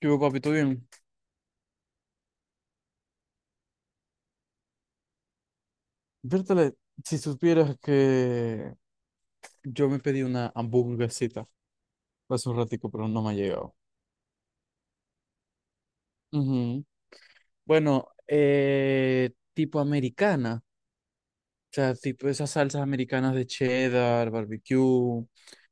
Yo, papi, ¿todo bien? Vértale, si supieras que yo me pedí una hamburguesita hace un ratico, pero no me ha llegado. Ujú. Bueno, tipo americana, o sea, tipo esas salsas americanas de cheddar, barbecue,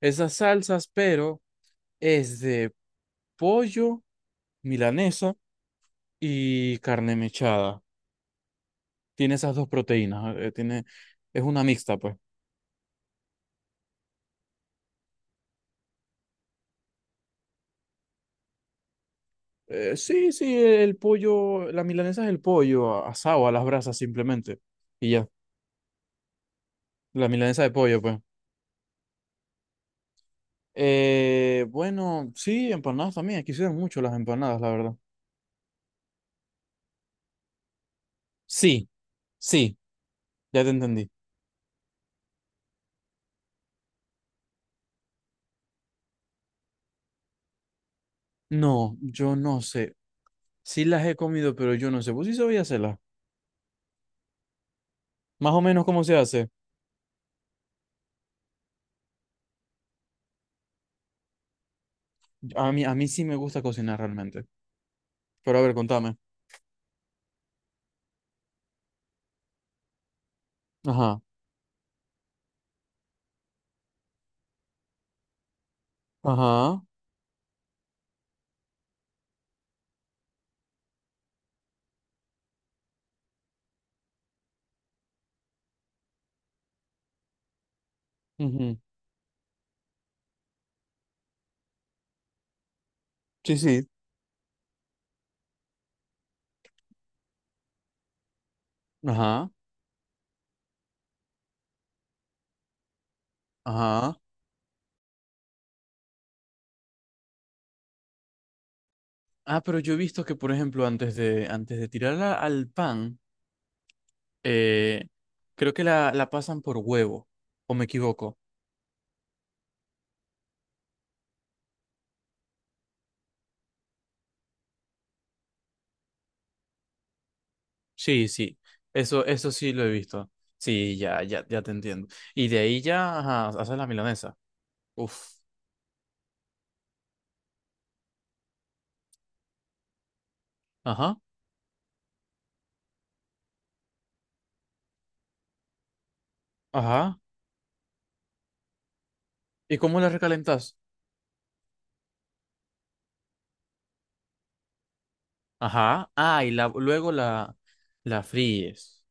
esas salsas, pero es de pollo, milanesa y carne mechada. Tiene esas dos proteínas, tiene, es una mixta, pues. Sí, sí, el pollo, la milanesa es el pollo asado a las brasas simplemente. Y ya, la milanesa de pollo, pues. Bueno, sí, empanadas también. Aquí se dan mucho las empanadas, la verdad. Sí, sí, ya te entendí. No, yo no sé. Sí las he comido, pero yo no sé. ¿Vos sí sabías hacerlas? Más o menos cómo se hace. A mí sí me gusta cocinar realmente. Pero a ver, contame. Ajá, ajá, ujú. Sí, sí, ajá, ajá. Ah, pero yo he visto que, por ejemplo, antes de tirarla al pan, eh, creo que la pasan por huevo, o me equivoco. Sí, sí, eso sí lo he visto. Sí, ya, ya, ya te entiendo. Y de ahí ya, ajá, haces la milanesa. Uf, ajá, ajá. ¿Y cómo la recalentas? Ajá, ah, y la, luego la, la fríes.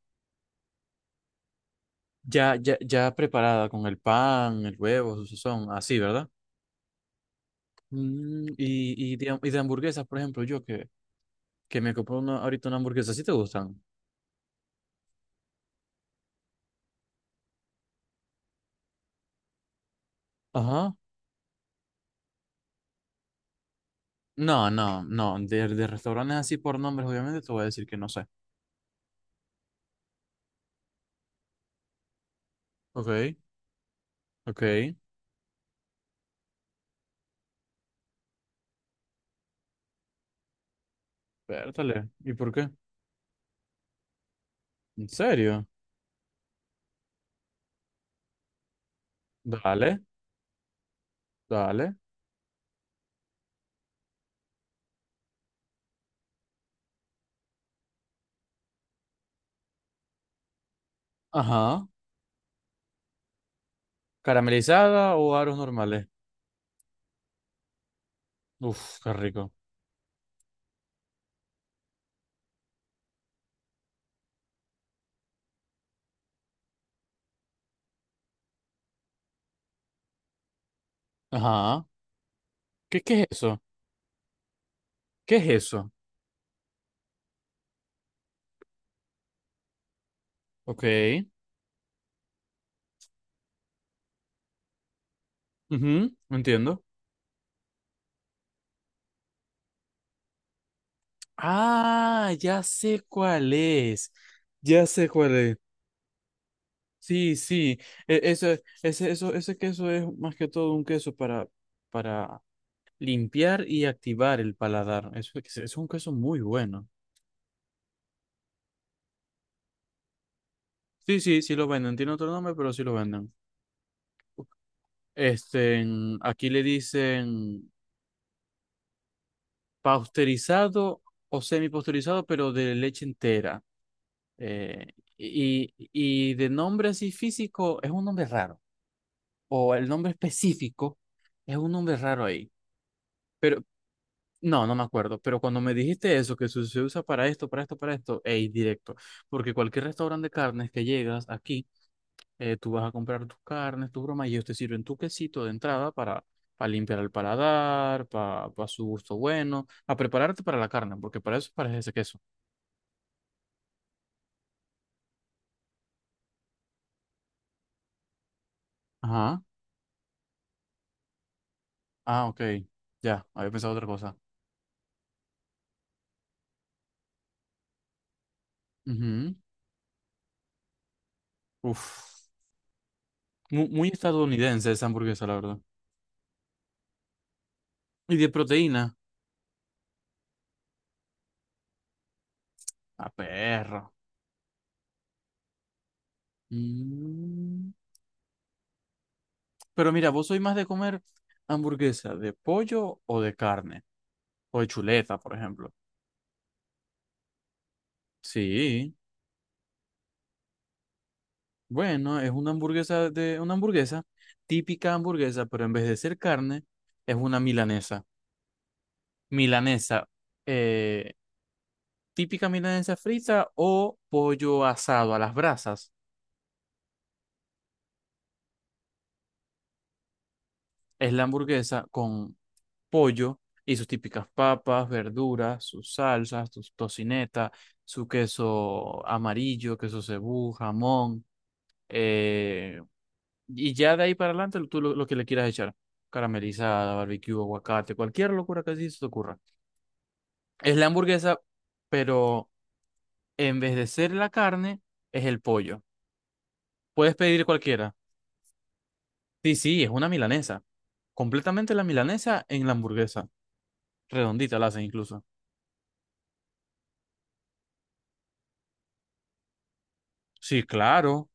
Ya, ya, ya preparada con el pan, el huevo, su sazón, así, ¿verdad? Mm, y de hamburguesas, por ejemplo, yo que me compré una, ahorita una hamburguesa. ¿Sí te gustan? Ajá. No, no, no. De restaurantes así por nombres, obviamente, te voy a decir que no sé. Ok, ok. Pértale. ¿Y por qué? ¿En serio? Dale, dale. Ajá. ¿Caramelizada o aros normales? Uf, qué rico. Ajá. ¿Qué es eso? ¿Qué es eso? Ok. Ujú, entiendo. Ah, ya sé cuál es. Ya sé cuál es. Sí, sí, eso, ese, eso, ese queso es más que todo un queso para limpiar y activar el paladar. Eso es un queso muy bueno. Sí, sí, sí lo venden. Tiene otro nombre, pero sí lo venden. Este, aquí le dicen pasteurizado o semipasteurizado, pero de leche entera. Eh, y de nombre así físico es un nombre raro. O el nombre específico es un nombre raro ahí. No, no me acuerdo, pero cuando me dijiste eso, que se usa para esto, para esto, para esto, ey, directo. Porque cualquier restaurante de carnes que llegas aquí, tú vas a comprar tus carnes, tus bromas, y ellos te sirven tu quesito de entrada para limpiar el paladar, para, su gusto bueno, a prepararte para la carne, porque para eso parece ese queso. Ajá. Ah, ok. Ya, había pensado otra cosa. Ujú. Uf. Mu- muy estadounidense esa hamburguesa, la verdad. Y de proteína. A perro. Mm. Pero mira, ¿vos sois más de comer hamburguesa de pollo o de carne? O de chuleta, por ejemplo. Sí, bueno, es una hamburguesa de una hamburguesa, típica hamburguesa, pero en vez de ser carne, es una milanesa. Milanesa, eh, típica milanesa frita o pollo asado a las brasas. Es la hamburguesa con pollo y sus típicas papas, verduras, sus salsas, sus tocineta, su queso amarillo, queso cebú, jamón. eh, y ya de ahí para adelante tú lo que le quieras echar. Caramelizada, barbecue, aguacate, cualquier locura que así se te ocurra. Es la hamburguesa, pero en vez de ser la carne, es el pollo. Puedes pedir cualquiera. Sí, sí, es una milanesa. Completamente la milanesa en la hamburguesa. Redondita la hacen incluso. Sí, claro,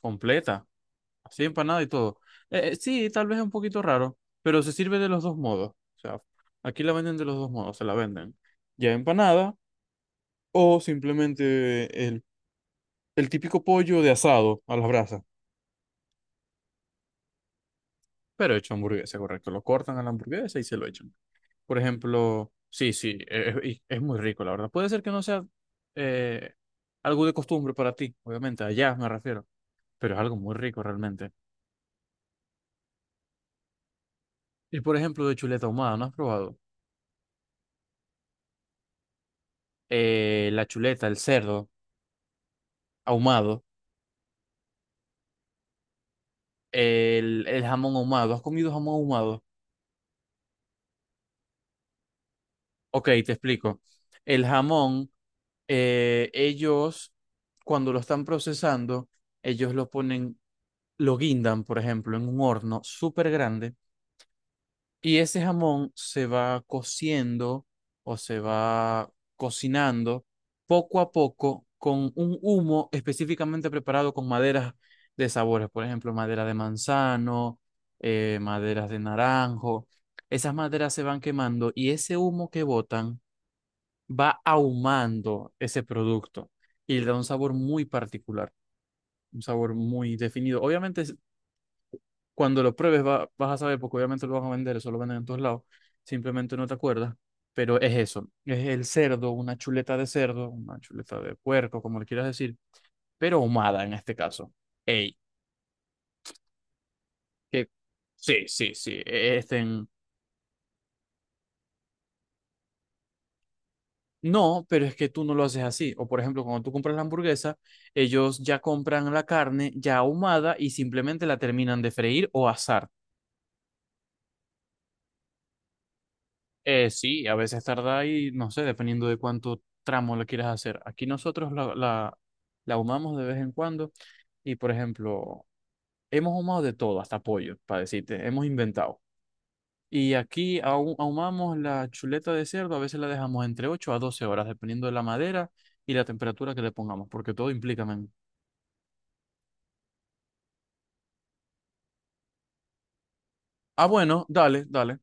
completa. Así empanada y todo. Sí, tal vez es un poquito raro, pero se sirve de los dos modos. O sea, aquí la venden de los dos modos, se la venden ya empanada o simplemente el típico pollo de asado a las brasas, pero hecho hamburguesa, correcto. Lo cortan a la hamburguesa y se lo echan. Por ejemplo, sí, sí, y es, muy rico, la verdad. Puede ser que no sea eh, algo de costumbre para ti, obviamente, allá me refiero, pero es algo muy rico realmente. Y por ejemplo, de chuleta ahumada, ¿no has probado? La chuleta, el cerdo ahumado, el jamón ahumado. ¿Has comido jamón ahumado? Ok, te explico. El jamón, ellos, cuando lo están procesando, ellos lo ponen, lo guindan, por ejemplo, en un horno súper grande. Y ese jamón se va cociendo o se va cocinando poco a poco con un humo específicamente preparado con maderas de sabores, por ejemplo, madera de manzano, maderas de naranjo. Esas maderas se van quemando y ese humo que botan va ahumando ese producto y le da un sabor muy particular, un sabor muy definido. Obviamente es- cuando lo pruebes vas a saber, porque obviamente lo vas a vender, eso lo venden en todos lados, simplemente no te acuerdas, pero es eso, es el cerdo, una chuleta de cerdo, una chuleta de puerco, como le quieras decir, pero ahumada en este caso. Ey, que sí, sí, sí, este, en- no, pero es que tú no lo haces así, o por ejemplo, cuando tú compras la hamburguesa, ellos ya compran la carne ya ahumada y simplemente la terminan de freír o asar. Sí, a veces tarda y no sé, dependiendo de cuánto tramo lo quieras hacer. Aquí nosotros la ahumamos de vez en cuando y, por ejemplo, hemos ahumado de todo, hasta pollo, para decirte, hemos inventado. Y aquí ahumamos la chuleta de cerdo, a veces la dejamos entre 8 a 12 horas, dependiendo de la madera y la temperatura que le pongamos, porque todo implica, men. Ah, bueno, dale, dale.